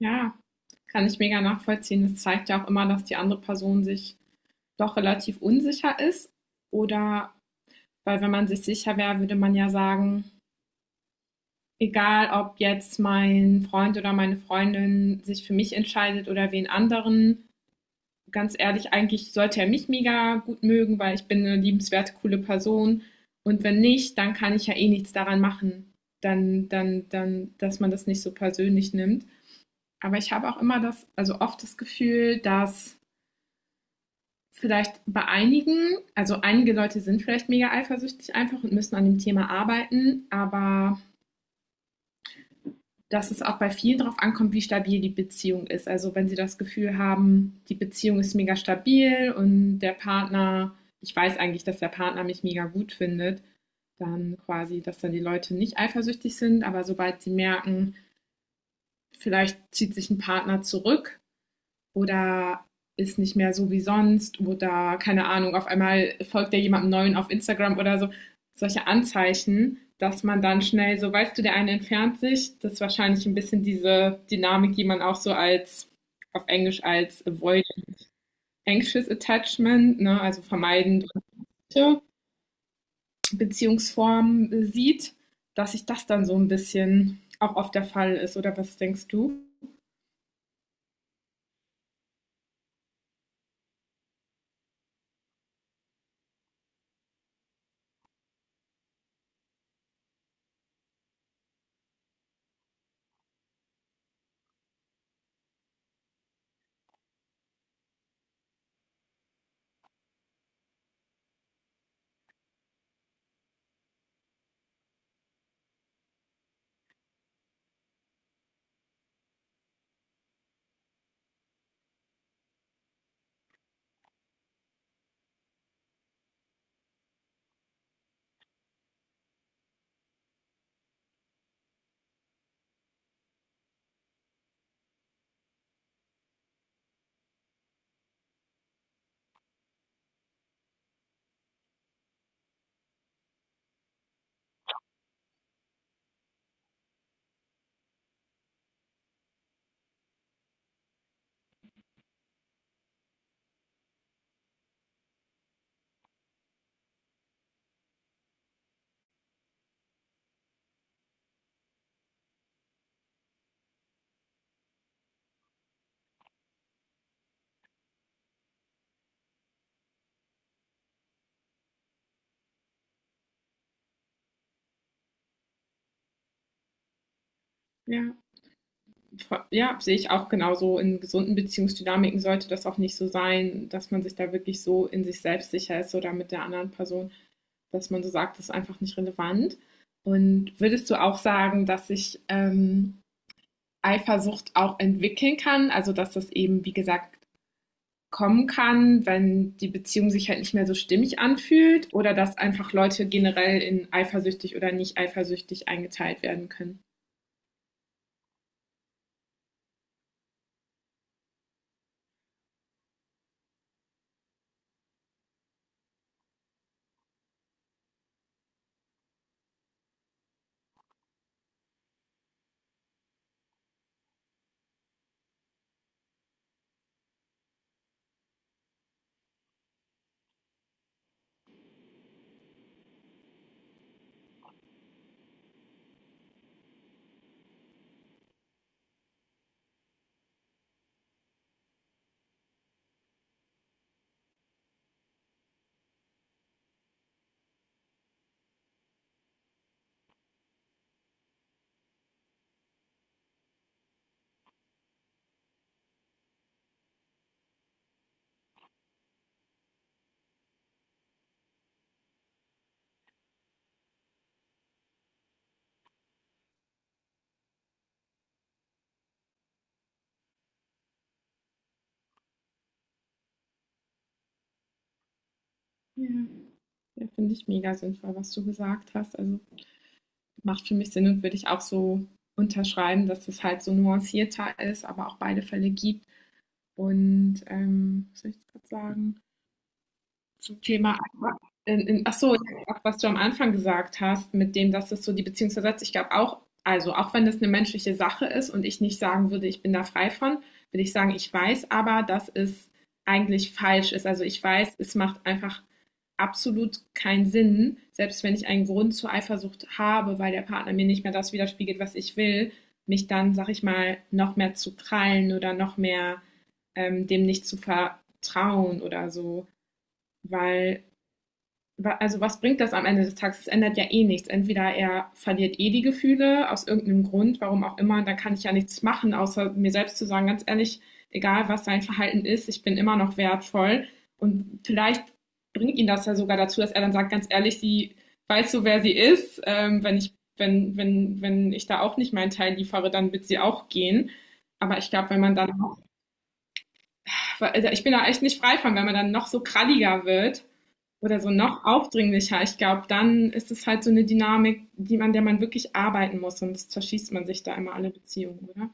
Ja, kann ich mega nachvollziehen. Es zeigt ja auch immer, dass die andere Person sich doch relativ unsicher ist. Oder, weil wenn man sich sicher wäre, würde man ja sagen, egal ob jetzt mein Freund oder meine Freundin sich für mich entscheidet oder wen anderen, ganz ehrlich, eigentlich sollte er mich mega gut mögen, weil ich bin eine liebenswerte, coole Person. Und wenn nicht, dann kann ich ja eh nichts daran machen. Dann, dass man das nicht so persönlich nimmt. Aber ich habe auch immer das, also oft das Gefühl, dass vielleicht bei einigen, also einige Leute sind vielleicht mega eifersüchtig einfach und müssen an dem Thema arbeiten, aber dass es auch bei vielen darauf ankommt, wie stabil die Beziehung ist. Also wenn sie das Gefühl haben, die Beziehung ist mega stabil und der Partner, ich weiß eigentlich, dass der Partner mich mega gut findet, dann quasi, dass dann die Leute nicht eifersüchtig sind, aber sobald sie merken, vielleicht zieht sich ein Partner zurück oder ist nicht mehr so wie sonst oder keine Ahnung, auf einmal folgt er jemandem Neuen auf Instagram oder so. Solche Anzeichen, dass man dann schnell so, weißt du, der eine entfernt sich. Das ist wahrscheinlich ein bisschen diese Dynamik, die man auch so als auf Englisch als Avoid Anxious Attachment, ne, also vermeidende Beziehungsformen sieht, dass sich das dann so ein bisschen auch oft der Fall ist. Oder was denkst du? Ja. Ja, sehe ich auch genauso. In gesunden Beziehungsdynamiken sollte das auch nicht so sein, dass man sich da wirklich so in sich selbst sicher ist oder mit der anderen Person, dass man so sagt, das ist einfach nicht relevant. Und würdest du auch sagen, dass sich Eifersucht auch entwickeln kann? Also, dass das eben, wie gesagt, kommen kann, wenn die Beziehung sich halt nicht mehr so stimmig anfühlt oder dass einfach Leute generell in eifersüchtig oder nicht eifersüchtig eingeteilt werden können? Ja. Ja, finde ich mega sinnvoll, was du gesagt hast. Also macht für mich Sinn und würde ich auch so unterschreiben, dass es halt so nuancierter ist, aber auch beide Fälle gibt. Und was soll ich gerade sagen? Zum Thema ach so, was du am Anfang gesagt hast, mit dem, dass es so die Beziehung zersetzt. Ich glaube auch, also auch wenn das eine menschliche Sache ist und ich nicht sagen würde, ich bin da frei von, würde ich sagen, ich weiß aber, dass es eigentlich falsch ist. Also ich weiß, es macht einfach absolut keinen Sinn, selbst wenn ich einen Grund zur Eifersucht habe, weil der Partner mir nicht mehr das widerspiegelt, was ich will, mich dann, sag ich mal, noch mehr zu krallen oder noch mehr dem nicht zu vertrauen oder so, weil also was bringt das am Ende des Tages? Es ändert ja eh nichts. Entweder er verliert eh die Gefühle aus irgendeinem Grund, warum auch immer, da kann ich ja nichts machen, außer mir selbst zu sagen, ganz ehrlich, egal was sein Verhalten ist, ich bin immer noch wertvoll. Und vielleicht bringt ihn das ja sogar dazu, dass er dann sagt, ganz ehrlich, sie weiß so, wer sie ist. Wenn ich da auch nicht meinen Teil liefere, dann wird sie auch gehen. Aber ich glaube, wenn man dann, also ich bin da echt nicht frei von, wenn man dann noch so kralliger wird, oder so noch aufdringlicher. Ich glaube, dann ist es halt so eine Dynamik, der man wirklich arbeiten muss, sonst zerschießt man sich da immer alle Beziehungen, oder?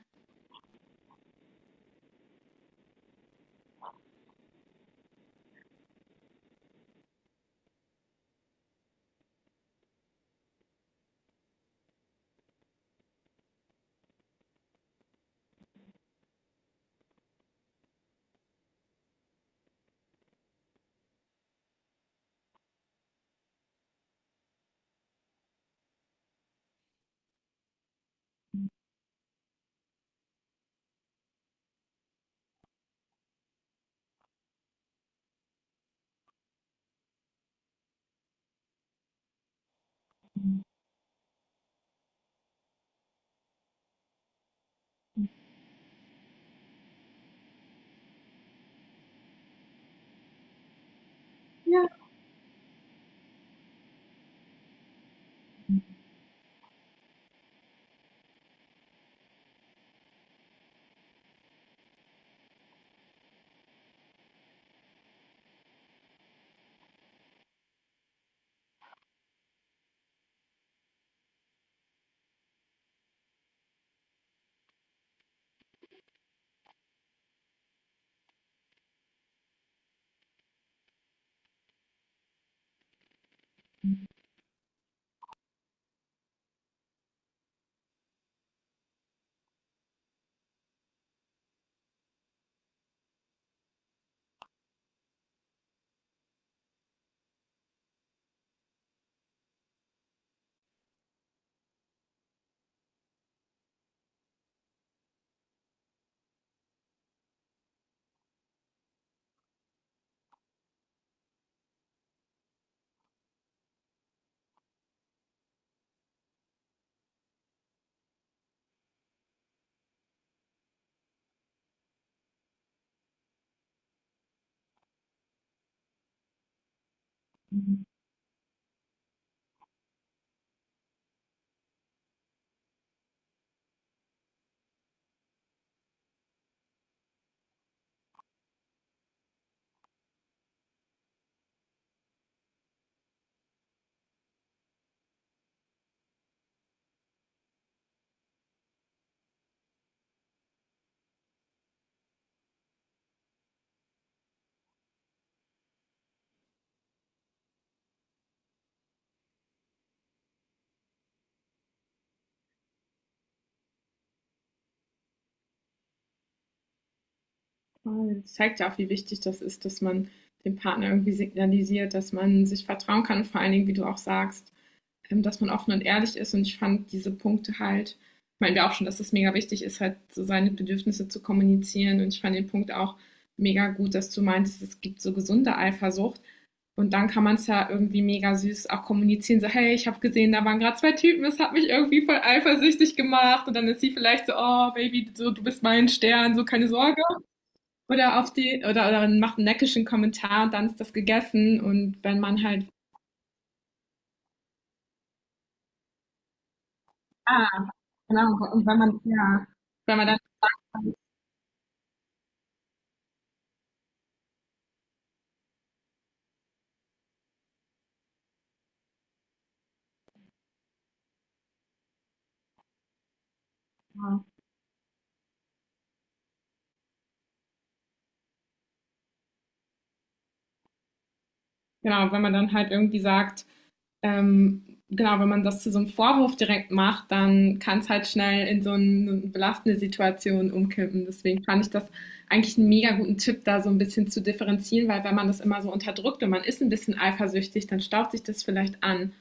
Ja. Das zeigt ja auch, wie wichtig das ist, dass man dem Partner irgendwie signalisiert, dass man sich vertrauen kann und vor allen Dingen, wie du auch sagst, dass man offen und ehrlich ist. Und ich fand diese Punkte halt, meinen wir auch schon, dass es mega wichtig ist, halt so seine Bedürfnisse zu kommunizieren. Und ich fand den Punkt auch mega gut, dass du meinst, es gibt so gesunde Eifersucht. Und dann kann man es ja irgendwie mega süß auch kommunizieren, so, hey, ich habe gesehen, da waren gerade zwei Typen, es hat mich irgendwie voll eifersüchtig gemacht. Und dann ist sie vielleicht so, oh, Baby, so, du bist mein Stern, so keine Sorge. Oder auf die, oder macht einen neckischen Kommentar und dann ist das gegessen. Und wenn man halt, ah, genau, und wenn man, ja, wenn man dann, genau, genau, wenn man dann halt irgendwie sagt, ähm, genau, wenn man das zu so einem Vorwurf direkt macht, dann kann es halt schnell in so eine belastende Situation umkippen. Deswegen fand ich das eigentlich einen mega guten Tipp, da so ein bisschen zu differenzieren, weil wenn man das immer so unterdrückt und man ist ein bisschen eifersüchtig, dann staut sich das vielleicht an.